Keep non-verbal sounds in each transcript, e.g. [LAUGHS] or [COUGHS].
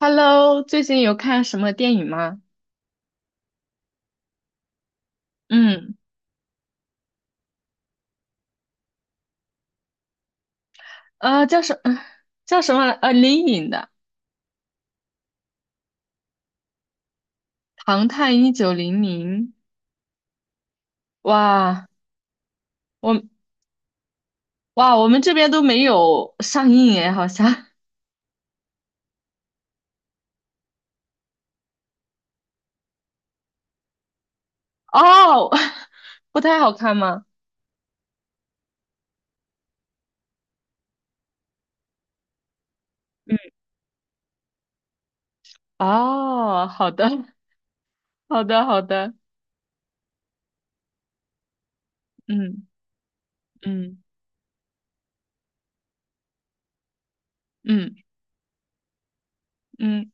Hello，最近有看什么电影吗？嗯，呃，叫什呃 [LAUGHS] 叫什么来，灵隐的《唐探一九零零》。哇，我我们这边都没有上映诶，好像。哦，[LAUGHS] 不太好看吗？嗯，哦，好的，好的，好的。嗯，嗯，嗯，嗯，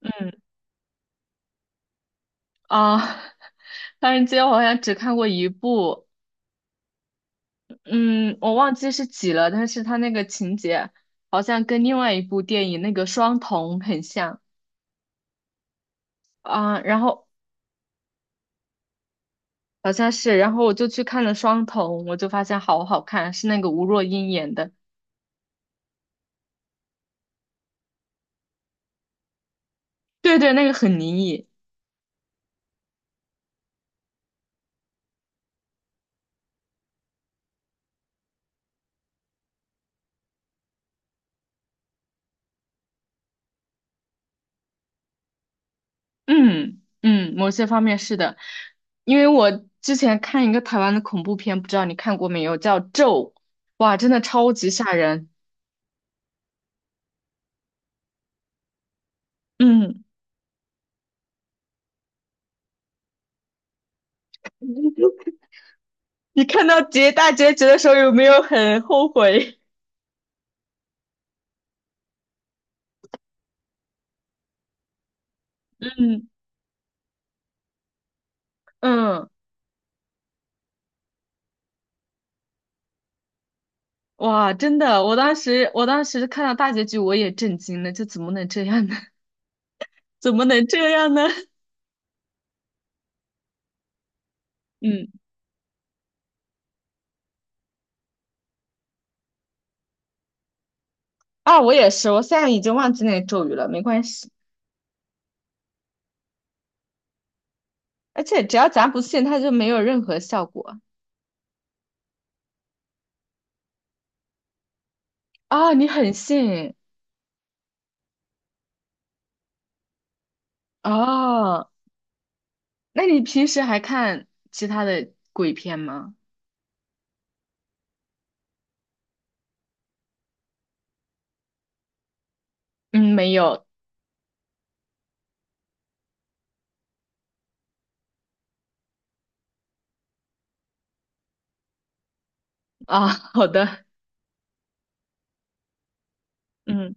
嗯，啊，[LAUGHS] 唐人街我 [LAUGHS] 好像只看过一部，嗯，我忘记是几了，但是它那个情节好像跟另外一部电影那个《双瞳》很像。啊，然后好像是，然后我就去看了《双瞳》，我就发现好好看，是那个吴若英演的。对，对，那个很灵异。嗯嗯，某些方面是的。因为我之前看一个台湾的恐怖片，不知道你看过没有，叫《咒》，哇，真的超级吓人。嗯，[LAUGHS] 你看到大结局的时候有没有很后悔？[LAUGHS] 嗯，嗯。哇，真的，我当时看到大结局，我也震惊了，这怎么能这样呢？[LAUGHS] 怎么能这样呢？[LAUGHS] 嗯，啊，我也是，我现在已经忘记那个咒语了，没关系。而且只要咱不信，它就没有任何效果。啊，你很信哦？那你平时还看其他的鬼片吗？嗯，没有。啊，好的。嗯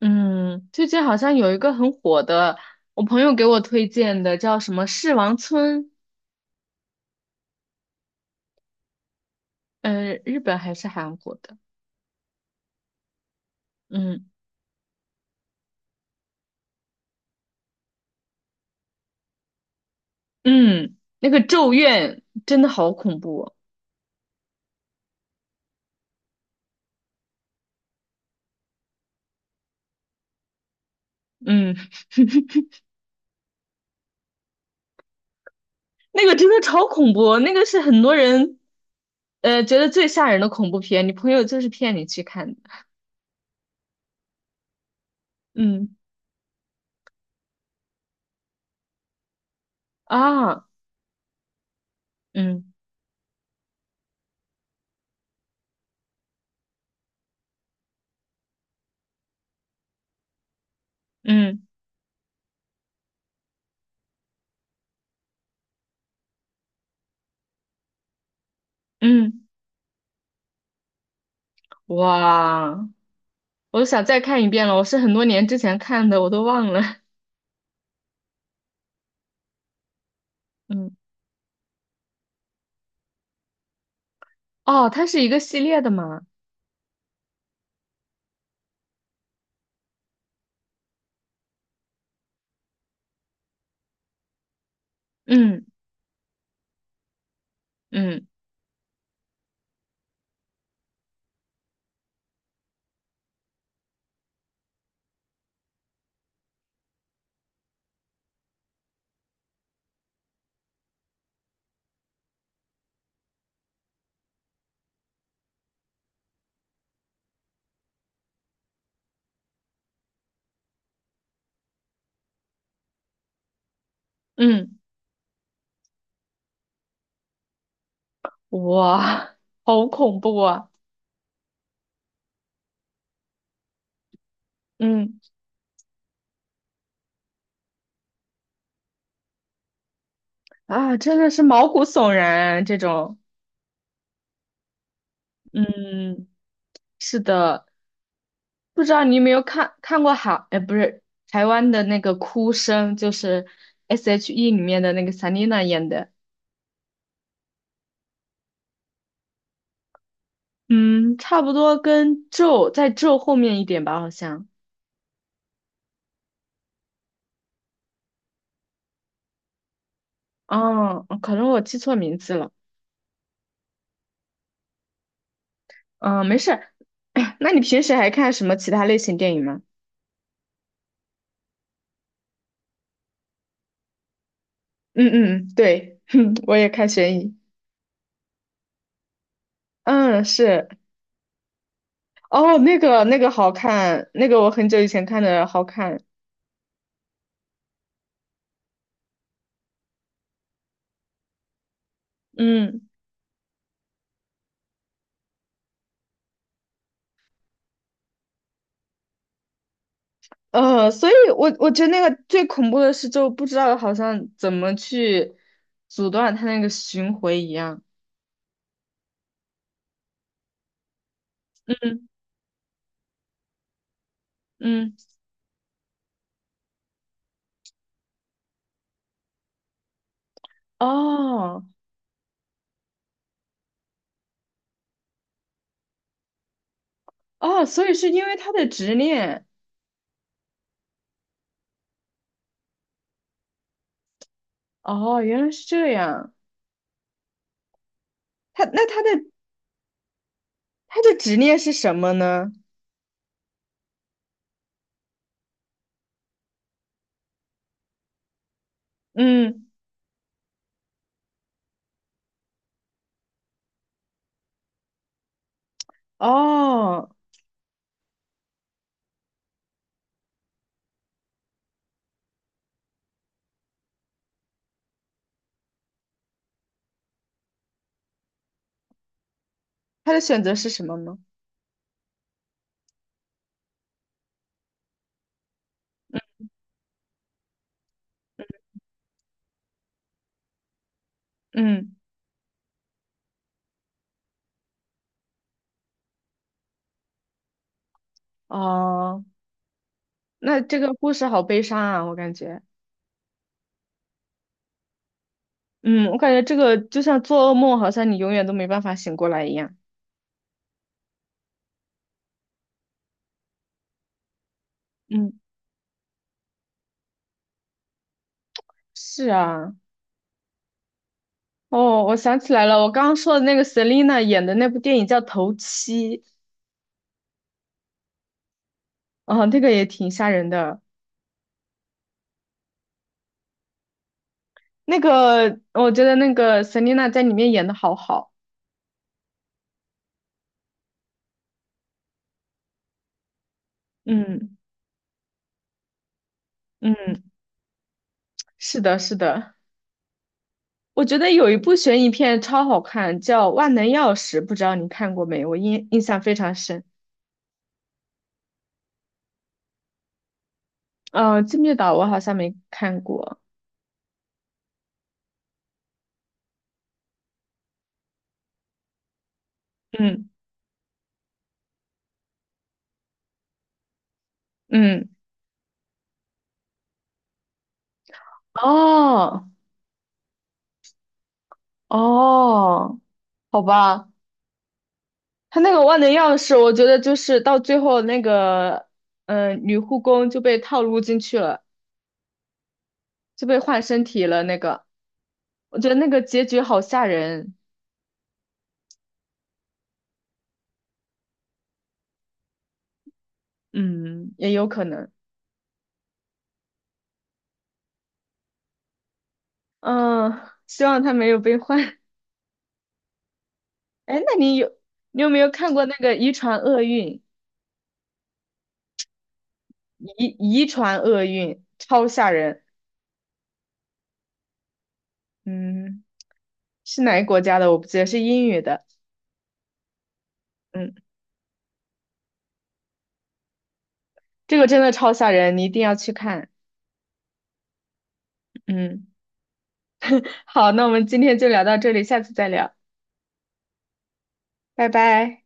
嗯，最近好像有一个很火的，我朋友给我推荐的，叫什么《狮王村》，嗯、日本还是韩国的？嗯嗯，那个《咒怨》真的好恐怖哦。嗯，那个真的超恐怖哦，那个是很多人觉得最吓人的恐怖片，你朋友就是骗你去看的。嗯，啊，嗯，嗯，嗯，哇，我想再看一遍了，我是很多年之前看的，我都忘了。[LAUGHS] 嗯，哦，它是一个系列的嘛。嗯，嗯，嗯，哇，好恐怖啊。嗯，啊，真的是毛骨悚然啊这种。嗯，是的，不知道你有没有看过韩，哎，不是台湾的那个哭声，就是 S.H.E 里面的那个 Selina 演的，嗯，差不多跟咒后面一点吧，好像。哦，可能我记错名字了。嗯，没事儿。 [COUGHS] [CLEARS THROAT] 那你平时还看什么其他类型电影吗？嗯嗯，对，[LAUGHS] 我也看悬疑。嗯，是，哦，那个好看，那个我很久以前看的好看。嗯。所以我觉得那个最恐怖的是，就不知道好像怎么去阻断他那个巡回一样。嗯嗯，哦哦，所以是因为他的执念。哦，原来是这样。他那他的他的执念是什么呢？嗯，哦，他的选择是什么吗？嗯，哦，那这个故事好悲伤啊，我感觉。嗯，我感觉这个就像做噩梦，好像你永远都没办法醒过来一样。嗯，是啊。哦，我想起来了，我刚刚说的那个 Selina 演的那部电影叫《头七》。啊、那个也挺吓人的。那个我觉得那个 Selina 在里面演的好好。嗯嗯，是的，是的。我觉得有一部悬疑片超好看，叫《万能钥匙》，不知道你看过没？我印象非常深。《金密岛》我好像没看过。嗯嗯，哦哦，好吧。他那个万能钥匙，我觉得就是到最后那个，嗯、女护工就被套路进去了，就被换身体了。那个，我觉得那个结局好吓人。嗯，也有可能。嗯、希望他没有被换。[LAUGHS] 哎，那你有没有看过那个《遗传厄运》？遗传厄运超吓人。嗯，是哪个国家的？我不记得，是英语的。嗯，这个真的超吓人，你一定要去看。嗯，好，那我们今天就聊到这里，下次再聊。拜拜。